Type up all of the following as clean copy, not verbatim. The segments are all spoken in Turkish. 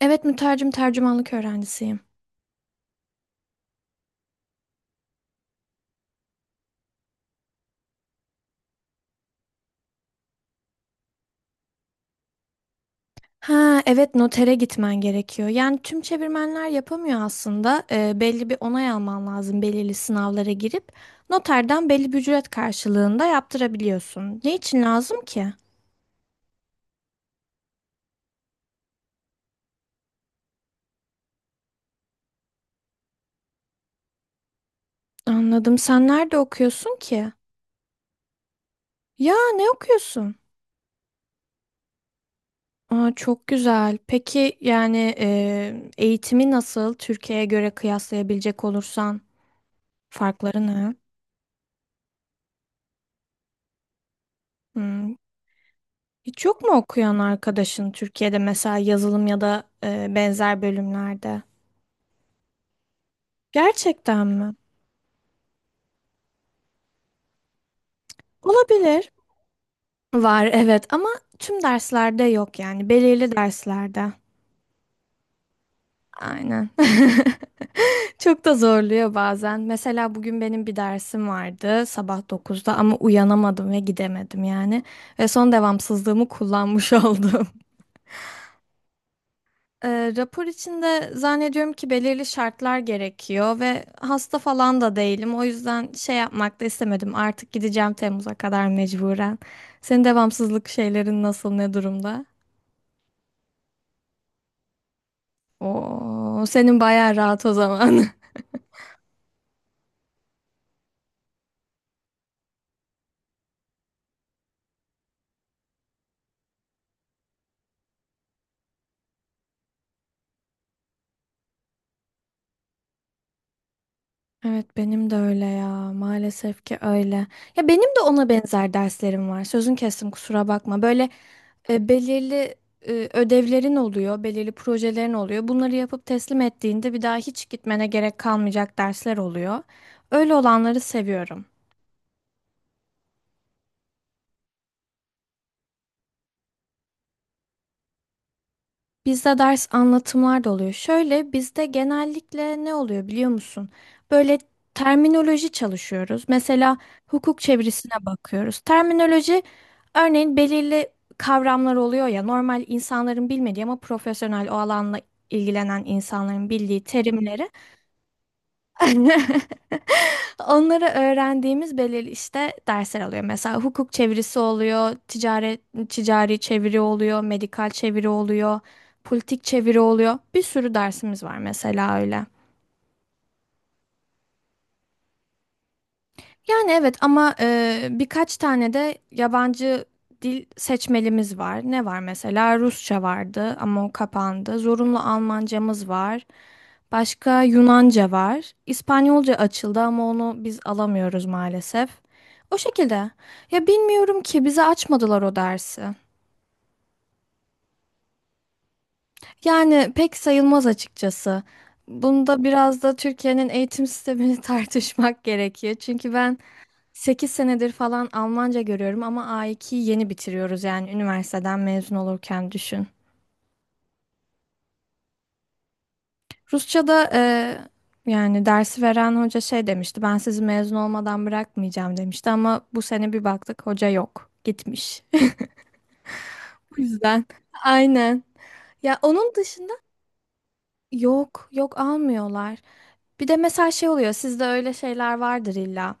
Evet mütercim tercümanlık öğrencisiyim. Ha, evet, notere gitmen gerekiyor. Yani tüm çevirmenler yapamıyor aslında. Belli bir onay alman lazım belirli sınavlara girip. Noterden belli bir ücret karşılığında yaptırabiliyorsun. Ne için lazım ki? Anladım. Sen nerede okuyorsun ki? Ya ne okuyorsun? Aa, çok güzel. Peki, yani eğitimi nasıl Türkiye'ye göre kıyaslayabilecek olursan farkları ne? Hmm, Hiç yok mu okuyan arkadaşın Türkiye'de, mesela yazılım ya da benzer bölümlerde? Gerçekten mi? Olabilir. Var, evet, ama tüm derslerde yok, yani belirli derslerde. Aynen. Çok da zorluyor bazen. Mesela bugün benim bir dersim vardı sabah 9'da ama uyanamadım ve gidemedim yani. Ve son devamsızlığımı kullanmış oldum. Rapor içinde zannediyorum ki belirli şartlar gerekiyor ve hasta falan da değilim. O yüzden şey yapmak da istemedim. Artık gideceğim Temmuz'a kadar mecburen. Senin devamsızlık şeylerin nasıl, ne durumda? Oo, senin bayağı rahat o zaman. Evet, benim de öyle ya. Maalesef ki öyle. Ya benim de ona benzer derslerim var. Sözün kestim, kusura bakma. Böyle belirli ödevlerin oluyor, belirli projelerin oluyor. Bunları yapıp teslim ettiğinde bir daha hiç gitmene gerek kalmayacak dersler oluyor. Öyle olanları seviyorum. Bizde ders anlatımlar da oluyor. Şöyle, bizde genellikle ne oluyor biliyor musun? Böyle terminoloji çalışıyoruz. Mesela hukuk çevirisine bakıyoruz. Terminoloji, örneğin belirli kavramlar oluyor ya, normal insanların bilmediği ama profesyonel o alanla ilgilenen insanların bildiği terimleri. Onları öğrendiğimiz belirli, işte, dersler oluyor. Mesela hukuk çevirisi oluyor, ticari çeviri oluyor, medikal çeviri oluyor, politik çeviri oluyor. Bir sürü dersimiz var mesela öyle. Yani evet, ama birkaç tane de yabancı dil seçmelimiz var. Ne var mesela? Rusça vardı ama o kapandı. Zorunlu Almancamız var. Başka Yunanca var. İspanyolca açıldı ama onu biz alamıyoruz maalesef. O şekilde. Ya bilmiyorum ki, bize açmadılar o dersi. Yani pek sayılmaz açıkçası. Bunda biraz da Türkiye'nin eğitim sistemini tartışmak gerekiyor. Çünkü ben 8 senedir falan Almanca görüyorum ama A2'yi yeni bitiriyoruz yani, üniversiteden mezun olurken düşün. Rusça'da, yani dersi veren hoca şey demişti, ben sizi mezun olmadan bırakmayacağım demişti ama bu sene bir baktık hoca yok, gitmiş. O yüzden, aynen. Ya, onun dışında yok, yok almıyorlar. Bir de mesela şey oluyor, sizde öyle şeyler vardır illa.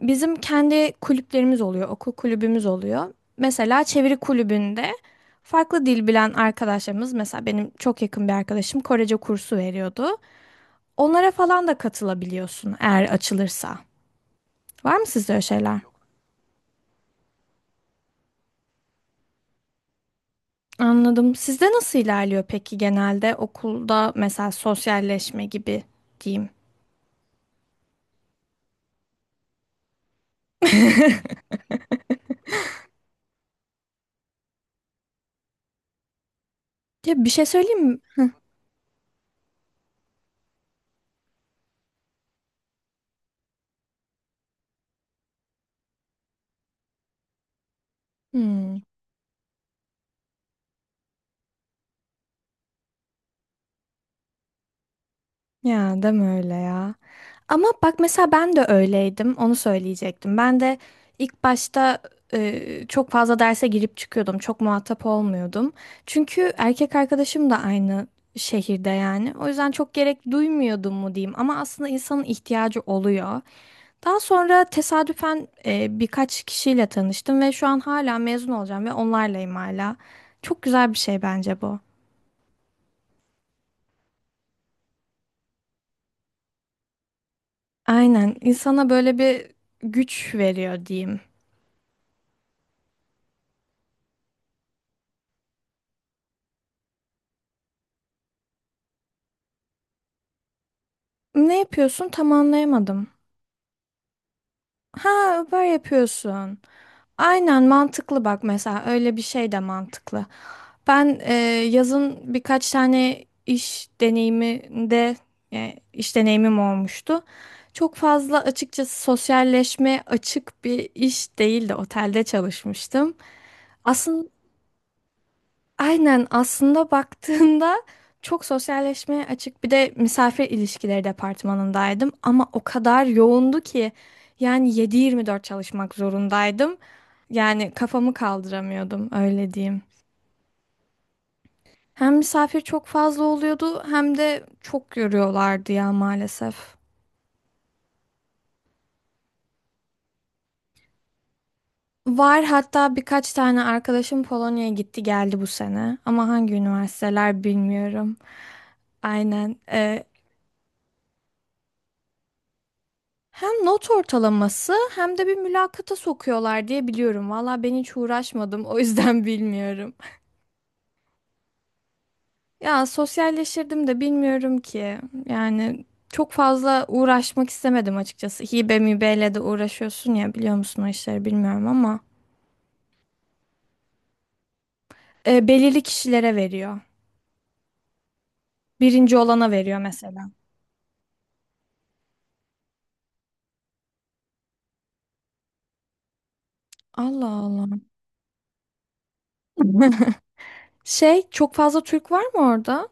Bizim kendi kulüplerimiz oluyor, okul kulübümüz oluyor. Mesela çeviri kulübünde farklı dil bilen arkadaşlarımız, mesela benim çok yakın bir arkadaşım Korece kursu veriyordu. Onlara falan da katılabiliyorsun eğer açılırsa. Var mı sizde öyle şeyler? Anladım. Sizde nasıl ilerliyor peki, genelde okulda mesela sosyalleşme gibi diyeyim? Ya bir şey söyleyeyim mi? Hmm, Ya deme öyle ya. Ama bak, mesela ben de öyleydim. Onu söyleyecektim. Ben de ilk başta çok fazla derse girip çıkıyordum. Çok muhatap olmuyordum. Çünkü erkek arkadaşım da aynı şehirde yani. O yüzden çok gerek duymuyordum mu diyeyim. Ama aslında insanın ihtiyacı oluyor. Daha sonra tesadüfen birkaç kişiyle tanıştım ve şu an hala mezun olacağım ve onlarlayım hala. Çok güzel bir şey bence bu. Aynen. insana böyle bir güç veriyor diyeyim. Ne yapıyorsun? Tam anlayamadım. Ha, Uber yapıyorsun. Aynen, mantıklı. Bak, mesela öyle bir şey de mantıklı. Ben yazın birkaç tane iş deneyimim olmuştu. Çok fazla açıkçası sosyalleşme açık bir iş değildi. Otelde çalışmıştım. Aslında. Aynen, aslında baktığında çok sosyalleşmeye açık, bir de misafir ilişkileri departmanındaydım ama o kadar yoğundu ki yani 7-24 çalışmak zorundaydım. Yani kafamı kaldıramıyordum, öyle diyeyim. Hem misafir çok fazla oluyordu hem de çok yoruyorlardı ya, maalesef. Var, hatta birkaç tane arkadaşım Polonya'ya gitti geldi bu sene ama hangi üniversiteler bilmiyorum. Aynen. Hem not ortalaması hem de bir mülakata sokuyorlar diye biliyorum. Valla ben hiç uğraşmadım, o yüzden bilmiyorum. Ya sosyalleşirdim de bilmiyorum ki. Yani çok fazla uğraşmak istemedim açıkçası. Hibe mibeyle de uğraşıyorsun ya, biliyor musun, o işleri bilmiyorum ama. Belirli kişilere veriyor. Birinci olana veriyor mesela. Allah Allah. Şey, çok fazla Türk var mı orada?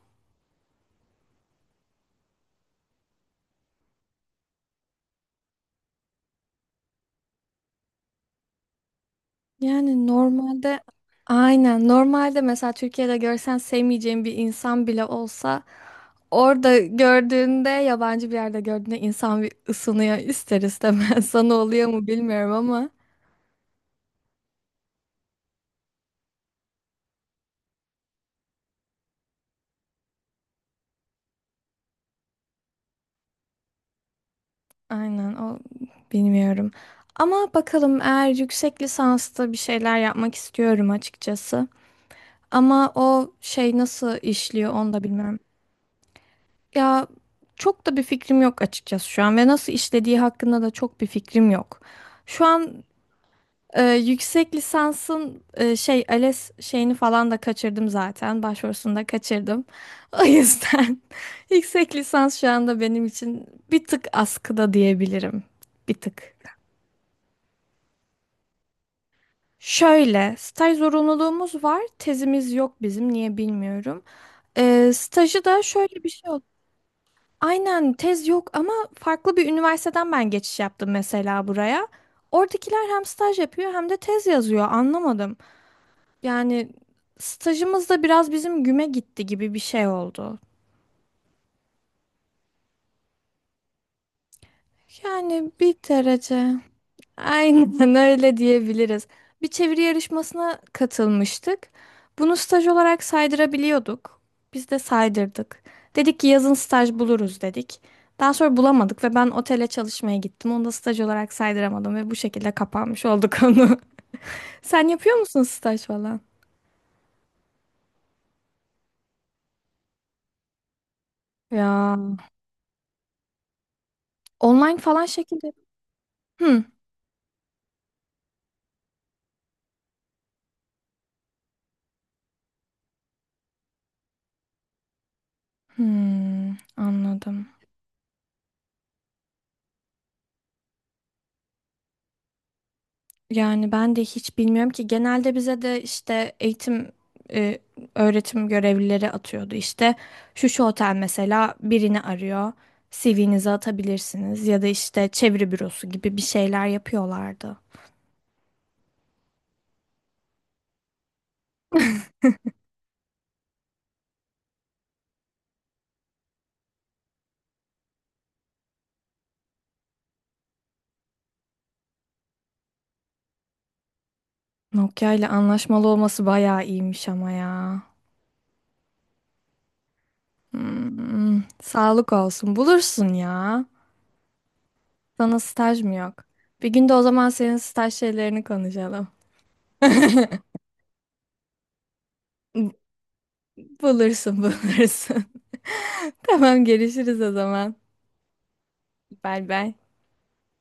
Yani normalde, mesela Türkiye'de görsen sevmeyeceğin bir insan bile olsa orada gördüğünde, yabancı bir yerde gördüğünde insan bir ısınıyor ister istemez. Sana oluyor mu bilmiyorum ama aynen, o, bilmiyorum. Ama bakalım, eğer yüksek lisansta bir şeyler yapmak istiyorum açıkçası. Ama o şey nasıl işliyor onu da bilmiyorum. Ya çok da bir fikrim yok açıkçası şu an, ve nasıl işlediği hakkında da çok bir fikrim yok. Şu an. Yüksek lisansın, şey, ALES şeyini falan da kaçırdım zaten. Başvurusunu da kaçırdım. O yüzden yüksek lisans şu anda benim için bir tık askıda diyebilirim. Bir tık. Şöyle, staj zorunluluğumuz var. Tezimiz yok bizim. Niye bilmiyorum. Stajı da şöyle bir şey oldu. Aynen, tez yok ama farklı bir üniversiteden ben geçiş yaptım mesela buraya. Oradakiler hem staj yapıyor hem de tez yazıyor. Anlamadım. Yani stajımız da biraz bizim güme gitti gibi bir şey oldu. Yani bir derece. Aynen, öyle diyebiliriz. Bir çeviri yarışmasına katılmıştık. Bunu staj olarak saydırabiliyorduk. Biz de saydırdık. Dedik ki yazın staj buluruz dedik. Daha sonra bulamadık ve ben otele çalışmaya gittim. Onu da staj olarak saydıramadım ve bu şekilde kapanmış oldu konu. Sen yapıyor musun staj falan? Ya online falan şekilde. Hmm. Anladım. Yani ben de hiç bilmiyorum ki, genelde bize de işte e, öğretim görevlileri atıyordu, işte şu şu otel mesela birini arıyor, CV'nizi atabilirsiniz ya da işte çeviri bürosu gibi bir şeyler yapıyorlardı. Nokia ile anlaşmalı olması bayağı iyiymiş ama ya. Sağlık olsun, bulursun ya. Sana staj mı yok? Bir gün de o zaman senin staj şeylerini konuşalım. Bulursun, bulursun. Tamam, görüşürüz o zaman. Bay bay.